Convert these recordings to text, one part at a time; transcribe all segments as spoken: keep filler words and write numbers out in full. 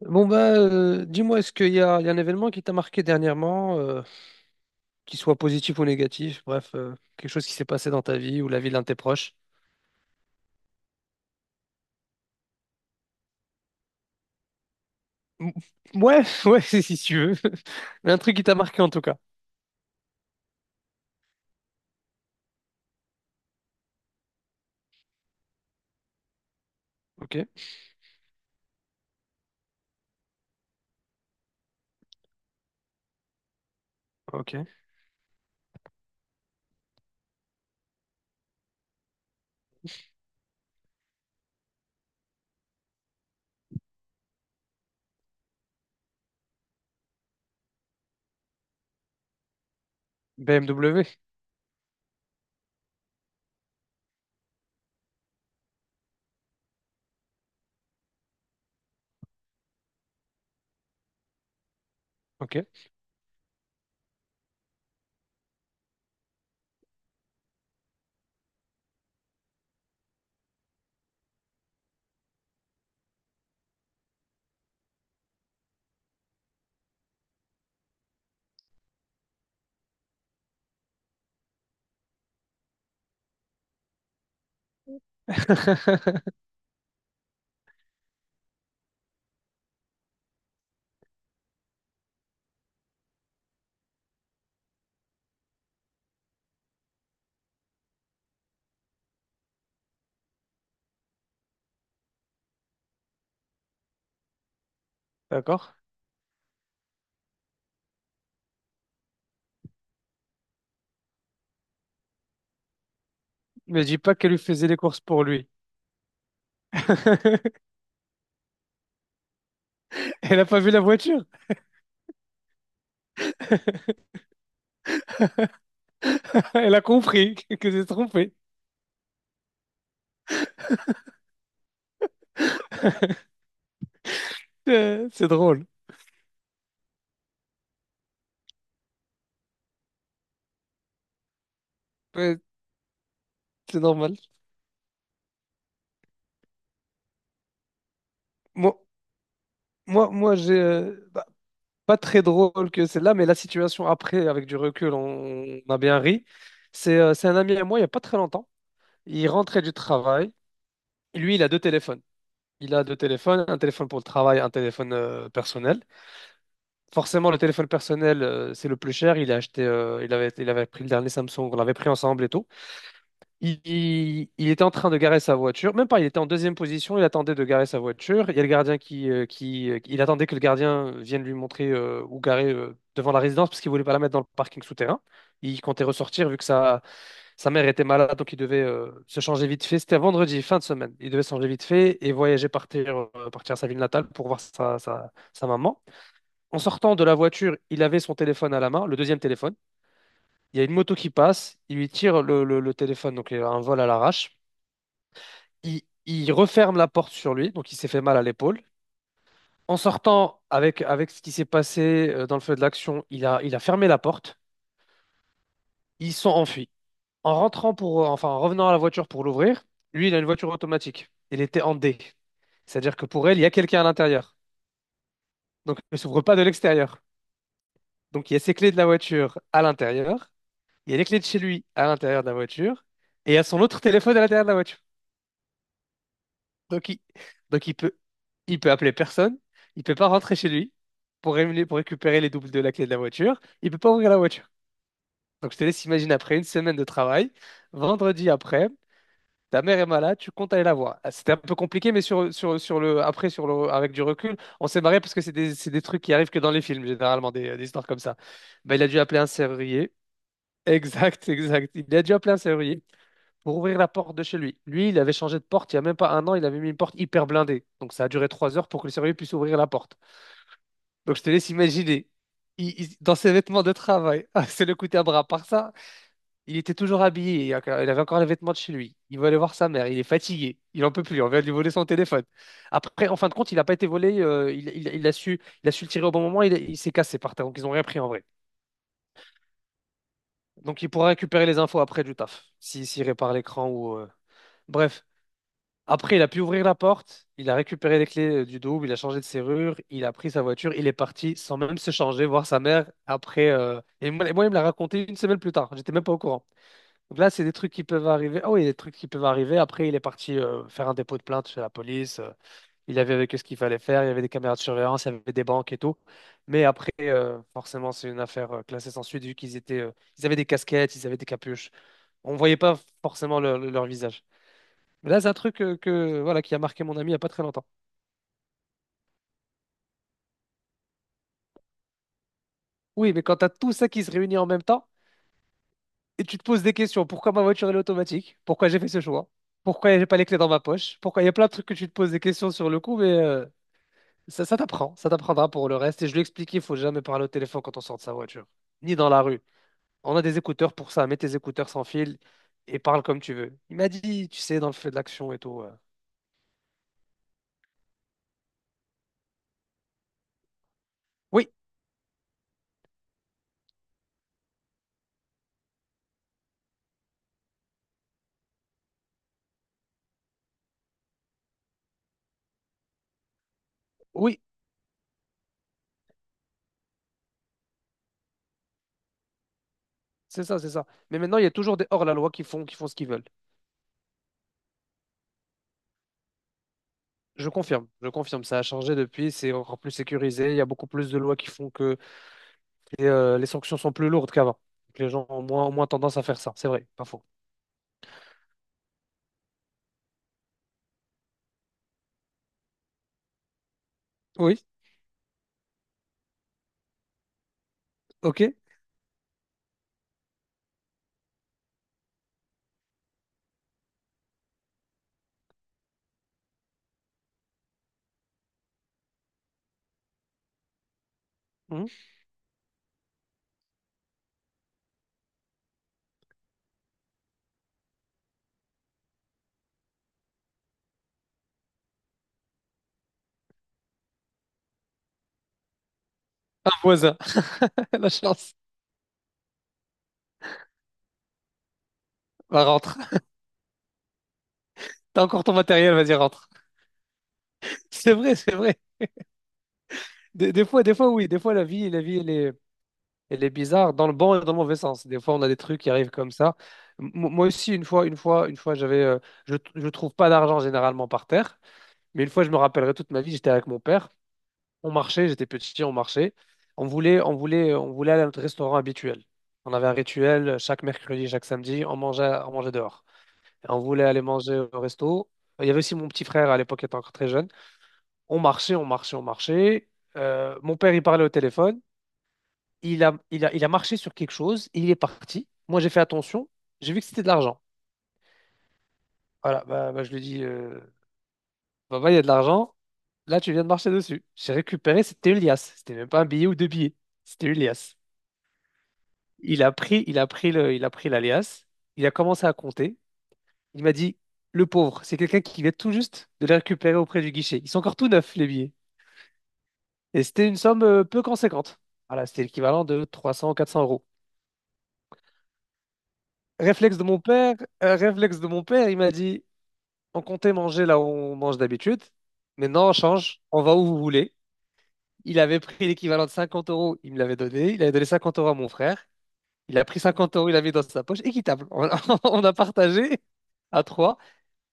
Bon bah euh, dis-moi, est-ce qu'il y a, il y a un événement qui t'a marqué dernièrement, euh, qui soit positif ou négatif, bref, euh, quelque chose qui s'est passé dans ta vie ou la vie d'un de tes proches? M- Ouais, ouais, si si tu veux. Mais un truc qui t'a marqué en tout cas. Ok, ok. B M W, ok. D'accord. Mais dis pas qu'elle lui faisait les courses pour lui. Elle a pas vu la voiture. Elle a compris que c'est trompé. Euh, C'est drôle. Ouais, c'est normal. Moi, moi, moi j'ai. Pas très drôle que celle-là, mais la situation après, avec du recul, on, on a bien ri. C'est euh, c'est un ami à moi, il n'y a pas très longtemps. Il rentrait du travail. Lui, il a deux téléphones. Il a deux téléphones, un téléphone pour le travail, un téléphone euh, personnel. Forcément, le téléphone personnel, euh, c'est le plus cher. Il a acheté, euh, il avait, il avait pris le dernier Samsung, on l'avait pris ensemble et tout. Il, il- il était en train de garer sa voiture, même pas, il était en deuxième position, il attendait de garer sa voiture. Il y a le gardien qui, euh, qui, euh, il attendait que le gardien vienne lui montrer euh, où garer euh, devant la résidence parce qu'il voulait pas la mettre dans le parking souterrain. Il comptait ressortir vu que sa, sa mère était malade, donc il devait euh, se changer vite fait. C'était un vendredi, fin de semaine. Il devait se changer vite fait et voyager, partir, euh, partir à sa ville natale pour voir sa, sa, sa maman. En sortant de la voiture, il avait son téléphone à la main, le deuxième téléphone. Il y a une moto qui passe, il lui tire le, le- le téléphone, donc il a un vol à l'arrache, il, il referme la porte sur lui, donc il s'est fait mal à l'épaule. En sortant avec, avec ce qui s'est passé euh, dans le feu de l'action, il a, il a fermé la porte. Ils sont enfuis. En rentrant pour, euh, enfin, en revenant à la voiture pour l'ouvrir, lui, il a une voiture automatique. Il était en D. C'est-à-dire que pour elle, il y a quelqu'un à l'intérieur. Donc, elle ne s'ouvre pas de l'extérieur. Donc, il y a ses clés de la voiture à l'intérieur. Il y a les clés de chez lui à l'intérieur de la voiture. Et il y a son autre téléphone à l'intérieur de la voiture. Donc il, donc il peut, il peut appeler personne, il peut pas rentrer chez lui pour, rémunérer- pour récupérer les doubles de la clé de la voiture, il peut pas ouvrir la voiture. Donc je te laisse imaginer après une semaine de travail, vendredi après, ta mère est malade, tu comptes aller la voir. Ah, c'était un peu compliqué, mais sur, sur, sur le, après, sur le, avec du recul, on s'est marré parce que c'est des, c'est des trucs qui arrivent que dans les films, généralement, des, des histoires comme ça. Ben, il a dû appeler un serrurier. Exact, exact. Il a dû appeler un serrurier pour ouvrir la porte de chez lui. Lui, il avait changé de porte il n'y a même pas un an, il avait mis une porte hyper blindée. Donc ça a duré trois heures pour que le surveillant puisse ouvrir la porte. Donc je te laisse imaginer. Il- il- dans ses vêtements de travail, c'est le coup à bras. Par ça, il était toujours habillé. Il a- il avait encore les vêtements de chez lui. Il veut aller voir sa mère. Il est fatigué. Il en peut plus. On vient de lui voler son téléphone. Après, en fin de compte, il n'a pas été volé. Euh, il, il- il a su, il a su le tirer au bon moment. Il, il s'est cassé par terre. Donc ils n'ont rien pris en vrai. Donc il pourra récupérer les infos après du taf. Si, s'il répare l'écran ou. euh, Bref. Après, il a pu ouvrir la porte, il a récupéré les clés euh, du double, il a changé de serrure, il a pris sa voiture, il est parti sans même se changer, voir sa mère après. euh, Et moi, et moi, il me l'a raconté une semaine plus tard, j'étais même pas au courant. Donc là, c'est des trucs qui peuvent arriver. Ah oui, des trucs qui peuvent arriver. Après, il est parti euh, faire un dépôt de plainte chez la police, euh, il avait avec eux ce qu'il fallait faire, il y avait des caméras de surveillance, il y avait des banques et tout. Mais après, euh, forcément, c'est une affaire euh, classée sans suite vu qu'ils étaient, euh, ils avaient des casquettes, ils avaient des capuches. On voyait pas forcément leur leur visage. Mais là, c'est un truc euh, que, voilà, qui a marqué mon ami il n'y a pas très longtemps. Oui, mais quand tu as tout ça qui se réunit en même temps et tu te poses des questions, pourquoi ma voiture elle est automatique? Pourquoi j'ai fait ce choix? Pourquoi j'ai pas les clés dans ma poche? Pourquoi il y a plein de trucs que tu te poses des questions sur le coup, mais euh, ça, ça t'apprend, ça t'apprendra pour le reste. Et je lui ai expliqué, il faut jamais parler au téléphone quand on sort de sa voiture, ni dans la rue. On a des écouteurs pour ça, mets tes écouteurs sans fil et parle comme tu veux. Il m'a dit, tu sais, dans le feu de l'action et tout. euh, Oui, oui, c'est ça, c'est ça. Mais maintenant, il y a toujours des hors-la-loi qui font, qui font ce qu'ils veulent. Je confirme, je confirme, ça a changé depuis, c'est encore plus sécurisé, il y a beaucoup plus de lois qui font que les, euh, les sanctions sont plus lourdes qu'avant. Donc les gens ont moins, ont moins tendance à faire ça, c'est vrai, pas faux. Oui, ok. Mhm. Un voisin, la chance, va rentre. T'as encore ton matériel, vas-y, rentre. C'est vrai, c'est vrai. Des, des fois, des fois, oui, des fois, la vie, la vie, elle est, elle est bizarre, dans le bon et dans le mauvais sens. Des fois, on a des trucs qui arrivent comme ça. M- moi aussi, une fois, une fois, une fois, j'avais, euh, je, je trouve pas d'argent généralement par terre, mais une fois, je me rappellerai toute ma vie, j'étais avec mon père. On marchait, j'étais petit, on marchait. On voulait, on voulait, on voulait aller à notre restaurant habituel. On avait un rituel chaque mercredi, chaque samedi, on mangeait, on mangeait dehors. Et on voulait aller manger au resto. Il y avait aussi mon petit frère à l'époque, il était encore très jeune. On marchait, on marchait, on marchait. Euh, mon père, il parlait au téléphone. Il a, il a, il a marché sur quelque chose. Il est parti. Moi, j'ai fait attention. J'ai vu que c'était de l'argent. Voilà, bah, bah, je lui dis. Dit, euh, papa, il y a de l'argent. Là, tu viens de marcher dessus. J'ai récupéré, c'était une liasse. C'était même pas un billet ou deux billets. C'était une liasse. Il a pris, il a pris le, il a pris l'alias. Il a commencé à compter. Il m'a dit, le pauvre, c'est quelqu'un qui vient tout juste de les récupérer auprès du guichet. Ils sont encore tout neufs, les billets. Et c'était une somme euh, peu conséquente. Voilà, c'était l'équivalent de trois cents, ou quatre cents euros. Réflexe de mon père, euh, réflexe de mon père, il m'a dit, on comptait manger là où on mange d'habitude. Maintenant, on change, on va où vous voulez. Il avait pris l'équivalent de cinquante euros, il me l'avait donné. Il avait donné cinquante euros à mon frère. Il a pris cinquante euros, il l'avait mis dans sa poche. Équitable. On, on a partagé à trois.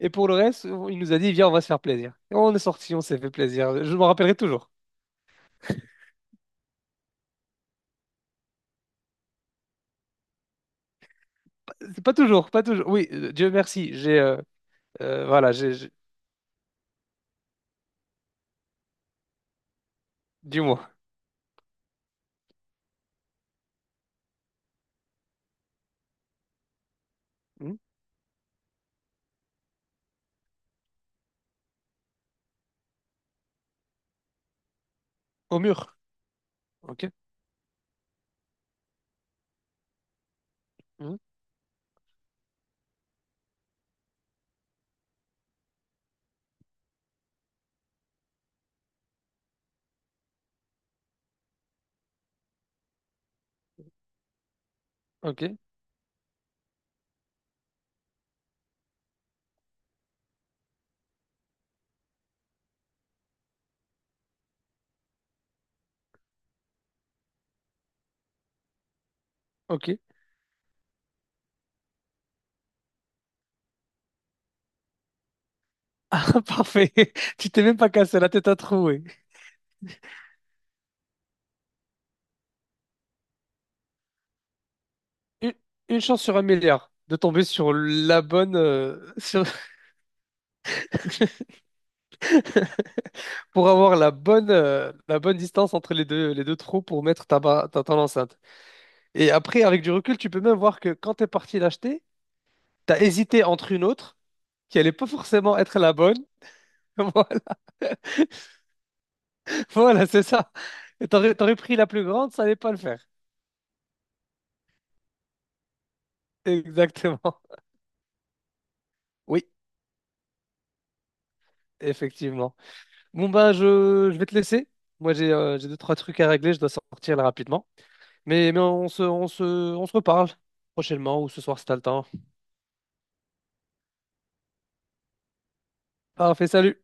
Et pour le reste, il nous a dit, viens, on va se faire plaisir. Et on est sorti, on s'est fait plaisir. Je m'en rappellerai toujours. Pas, pas toujours, pas toujours. Oui, euh, Dieu merci, j'ai euh, euh, voilà, j'ai... j'ai- Dis-moi. Hmm. Au mur. Ok. Hmm. Ok. Ok. Parfait. Tu t'es même pas cassé la tête à trouver. Une, une chance sur un milliard de tomber sur la bonne... euh, sur- pour avoir la bonne, euh, la bonne distance entre les deux, les deux trous pour mettre ta, ba- ta, ton enceinte. Et après, avec du recul, tu peux même voir que quand t'es parti l'acheter, t'as hésité entre une autre qui allait pas forcément être la bonne. Voilà, voilà, c'est ça. Et t'aurais, t'aurais pris la plus grande, ça allait pas le faire. Exactement. Oui, effectivement. Bon, ben je, je vais te laisser. Moi, j'ai euh, j'ai deux, trois trucs à régler, je dois sortir là rapidement. Mais, mais on se, on se, on se reparle prochainement ou ce soir si t'as le temps. Parfait, salut.